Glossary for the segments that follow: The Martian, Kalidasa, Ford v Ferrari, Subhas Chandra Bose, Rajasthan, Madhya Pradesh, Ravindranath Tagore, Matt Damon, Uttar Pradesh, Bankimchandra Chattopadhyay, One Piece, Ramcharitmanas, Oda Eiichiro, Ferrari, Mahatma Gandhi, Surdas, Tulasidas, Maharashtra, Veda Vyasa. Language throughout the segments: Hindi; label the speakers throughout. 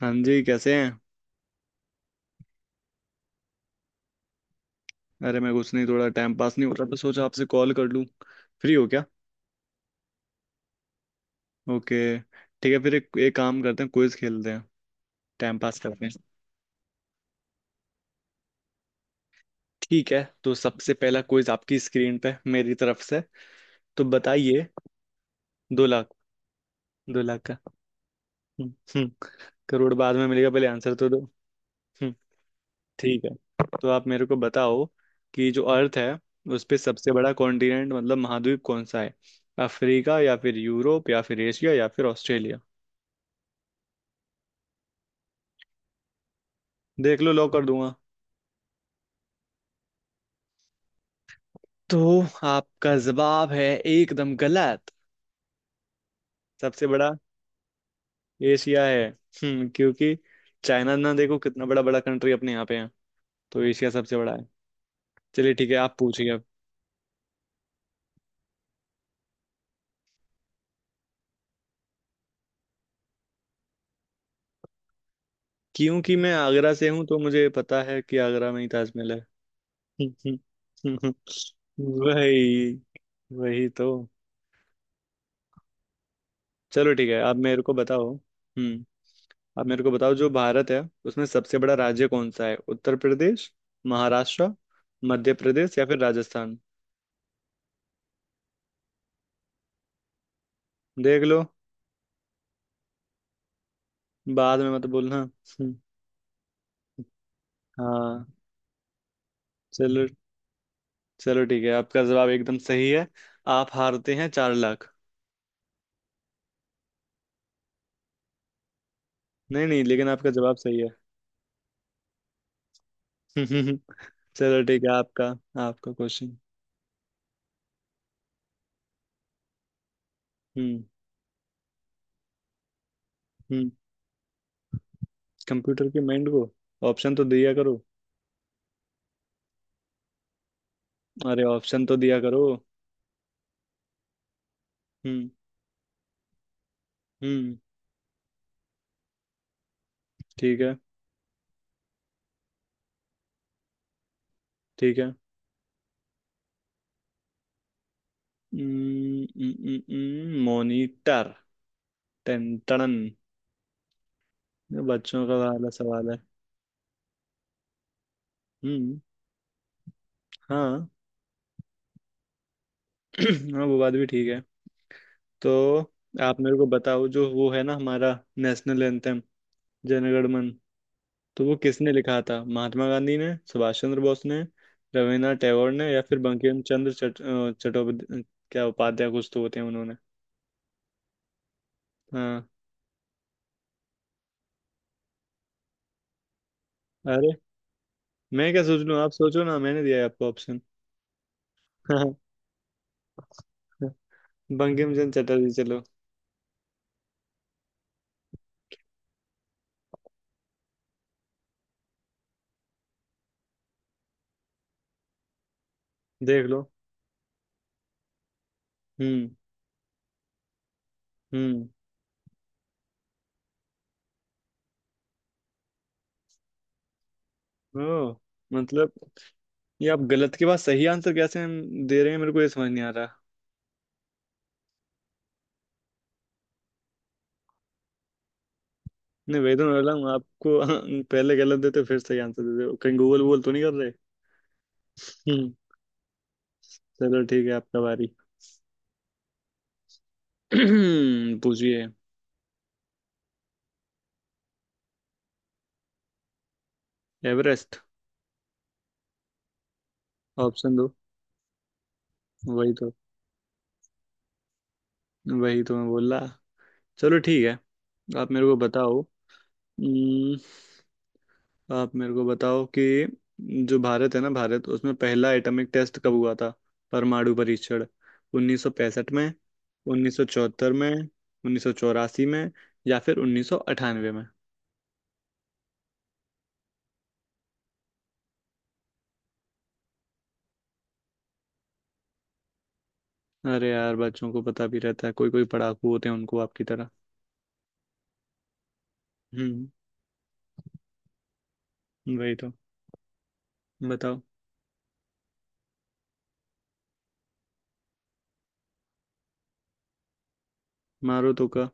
Speaker 1: हाँ जी कैसे हैं। अरे मैं कुछ नहीं, थोड़ा टाइम पास नहीं हो रहा था, सोचा आपसे कॉल कर लूँ। फ्री हो क्या? ओके। ठीक है, फिर एक काम करते हैं, क्विज खेलते हैं, टाइम पास करते हैं। ठीक है, तो सबसे पहला क्विज आपकी स्क्रीन पे मेरी तरफ से, तो बताइए। 2 लाख, 2 लाख का। हम्म। हम्म, करोड़ बाद में मिलेगा, पहले आंसर तो दो। हम्म। ठीक है, तो आप मेरे को बताओ कि जो अर्थ है उस पे सबसे बड़ा कॉन्टिनेंट, मतलब महाद्वीप, कौन सा है? अफ्रीका, या फिर यूरोप, या फिर एशिया, या फिर ऑस्ट्रेलिया। देख लो, लॉक कर दूंगा। तो आपका जवाब है एकदम गलत। सबसे बड़ा एशिया है। हम्म, क्योंकि चाइना ना देखो, कितना बड़ा बड़ा कंट्री अपने यहाँ पे है, तो एशिया सबसे बड़ा है। चलिए ठीक है, आप पूछिए अब। क्योंकि मैं आगरा से हूँ, तो मुझे पता है कि आगरा में ही ताजमहल है। हम्म, हम्म, हम्म, वही, वही तो। चलो ठीक है, आप मेरे को बताओ। हम्म। आप मेरे को बताओ जो भारत है, उसमें सबसे बड़ा राज्य कौन सा है? उत्तर प्रदेश, महाराष्ट्र, मध्य प्रदेश, या फिर राजस्थान? देख लो, बाद में मत बोलना। हाँ। चलो। चलो ठीक है, आपका जवाब एकदम सही है। आप हारते हैं 4 लाख। नहीं नहीं, लेकिन आपका जवाब सही है। चलो ठीक है, आपका, आपका क्वेश्चन। हम्म। हम्म। कंप्यूटर के माइंड को ऑप्शन तो दिया करो। अरे, ऑप्शन तो दिया करो। हम्म। हम्म। ठीक है, ठीक है। मॉनिटर, टेंटन, बच्चों का वाला सवाल है। हम्म। हाँ। हाँ, वो बात भी ठीक है। तो आप मेरे को बताओ जो वो है ना हमारा, नेशनल एंथम, जनगण मन, तो वो किसने लिखा था? महात्मा गांधी ने, सुभाष चंद्र बोस ने, रविन्द्रनाथ टैगोर ने, या फिर बंकिम चंद्र चट्टोपाध्याय, क्या उपाध्याय, कुछ तो होते हैं उन्होंने। हाँ। अरे, मैं क्या सोच लूँ? आप सोचो ना, मैंने दिया है आपको ऑप्शन। बंकिम चंद्र चटर्जी, चलो। देख लो। हम्म। हम्म। ओ, मतलब ये आप गलत के बाद सही आंसर कैसे हम दे रहे हैं? मेरे को ये समझ नहीं आ रहा। नहीं, वही तो मैं बोला हूँ आपको। पहले गलत देते, फिर सही आंसर देते हो। कहीं गूगल वूगल तो नहीं कर रहे? हम्म। चलो ठीक है, आपका बारी। पूछिए। एवरेस्ट। ऑप्शन दो, वही तो, वही तो मैं बोल रहा। चलो ठीक है, आप मेरे को बताओ। हम्म, आप मेरे को बताओ कि जो भारत है ना, भारत, उसमें पहला एटॉमिक टेस्ट कब हुआ था, परमाणु परीक्षण? 1965 में, 1974 में, 1984 में, या फिर 1998 में? अरे यार, बच्चों को पता भी रहता है, कोई कोई पढ़ाकू होते हैं उनको, आपकी तरह। हम्म, वही तो। बताओ। मारो तुक्का।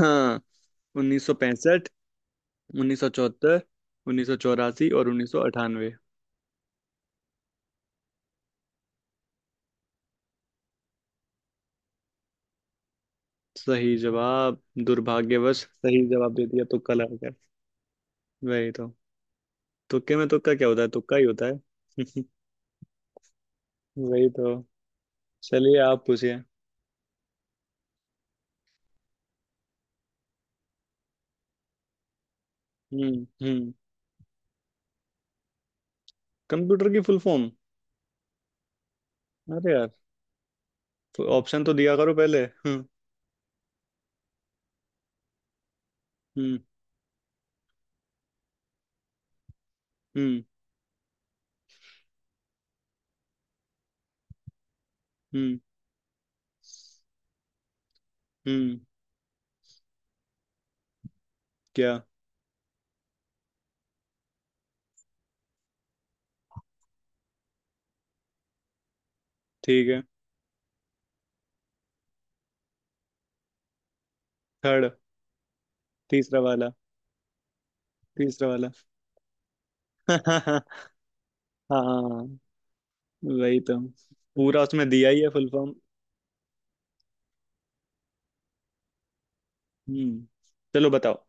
Speaker 1: हाँ, 1965, 1974, 1984 और 1998। सही जवाब, दुर्भाग्यवश सही जवाब दे दिया, तुक्का लगा। वही तो। तुक्के में तुक्का क्या होता है, तुक्का ही होता है। वही तो। चलिए आप पूछिए। हम्म। हम्म। कंप्यूटर की फुल फॉर्म। अरे यार, ऑप्शन तो दिया करो पहले। हम्म। हम्म। हम्म। हम्म। हम्म। क्या? ठीक है। थर्ड, तीसरा वाला, तीसरा वाला। हाँ, वही तो, पूरा उसमें दिया ही है फुल फॉर्म। हम्म। चलो बताओ।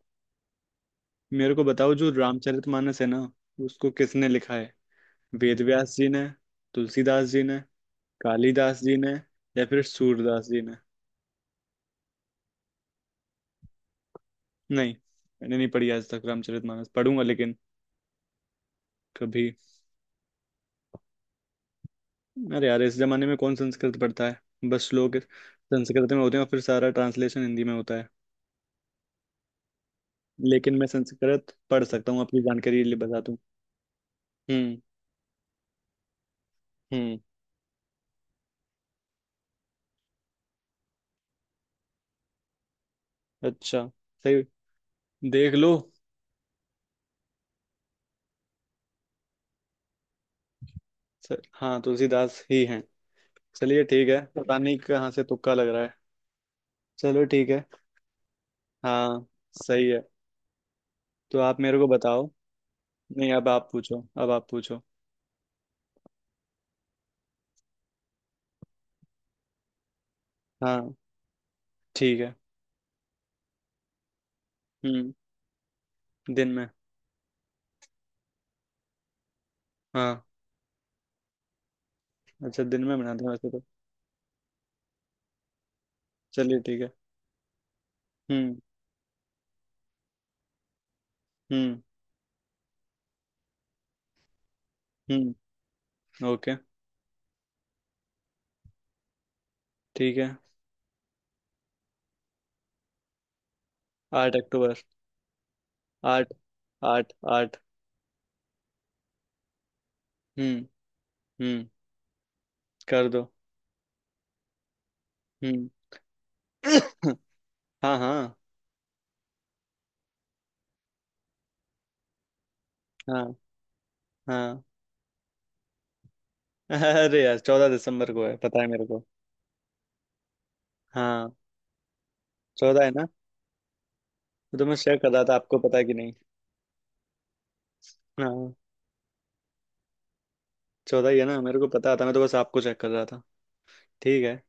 Speaker 1: मेरे को बताओ जो रामचरितमानस है ना, उसको किसने लिखा है? वेद व्यास जी ने, तुलसीदास जी ने, कालिदास जी ने, या फिर सूरदास जी ने? नहीं, मैंने नहीं पढ़ी आज तक, रामचरितमानस पढ़ूंगा लेकिन कभी। अरे यार, इस जमाने में कौन संस्कृत पढ़ता है? बस लोग संस्कृत में होते हैं और फिर सारा ट्रांसलेशन हिंदी में होता है। लेकिन मैं संस्कृत पढ़ सकता हूँ, अपनी जानकारी के लिए बता दूं। हम्म। हम्म। अच्छा, सही, देख लो। सर, हाँ, तुलसीदास ही हैं। चलिए ठीक है, पता नहीं कहाँ से तुक्का लग रहा है। चलो ठीक है। हाँ, सही है। तो आप मेरे को बताओ। नहीं, अब आप पूछो, अब आप पूछो। हाँ ठीक है। हम्म। दिन में। हाँ, अच्छा, दिन में बनाते हैं वैसे तो। चलिए ठीक है। हम्म। हम्म। हम्म। ओके। ठीक है। आठ अक्टूबर। आठ, आठ, आठ। हम्म। हम्म। कर दो। हम्म। हाँ हाँ। हाँ। हाँ। अरे यार, 14 दिसंबर को है, पता है मेरे को। हाँ। चौदह है ना, वो तो मैं चेक कर रहा था आपको पता है कि नहीं। हाँ, चौदह ही है ना, मेरे को पता था, मैं तो बस आपको चेक कर रहा था। ठीक है।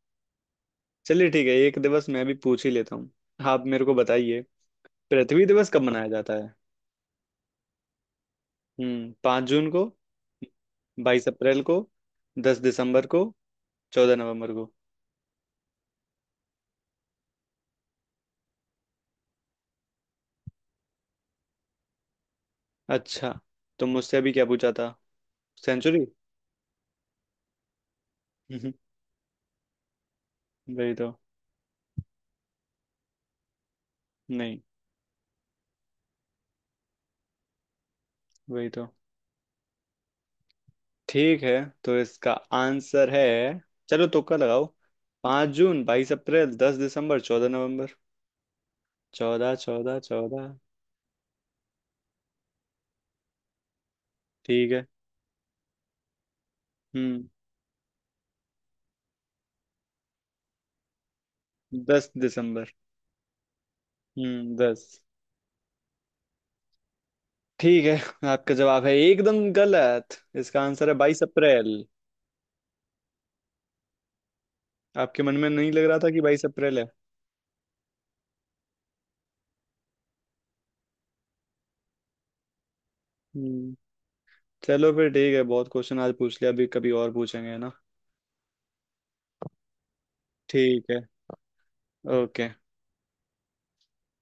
Speaker 1: चलिए ठीक है, एक दिवस मैं भी पूछ ही लेता हूँ। आप मेरे को बताइए, पृथ्वी दिवस कब मनाया जाता है? हम्म। 5 जून को, 22 अप्रैल को, 10 दिसंबर को, 14 नवंबर को। अच्छा, तो मुझसे अभी क्या पूछा था, सेंचुरी? वही तो। नहीं, वही तो। ठीक है, तो इसका आंसर है, चलो तुक्का लगाओ। 5 जून, 22 अप्रैल, 10 दिसंबर, 14 नवंबर। चौदह, चौदह, चौदह। ठीक है। हम्म। 10 दिसंबर। हम्म, दस। ठीक है, आपका जवाब है एकदम गलत, इसका आंसर है 22 अप्रैल। आपके मन में नहीं लग रहा था कि 22 अप्रैल है? हम्म। चलो फिर ठीक है, बहुत क्वेश्चन आज पूछ लिया, अभी कभी और पूछेंगे, है ना। ठीक है। ओके।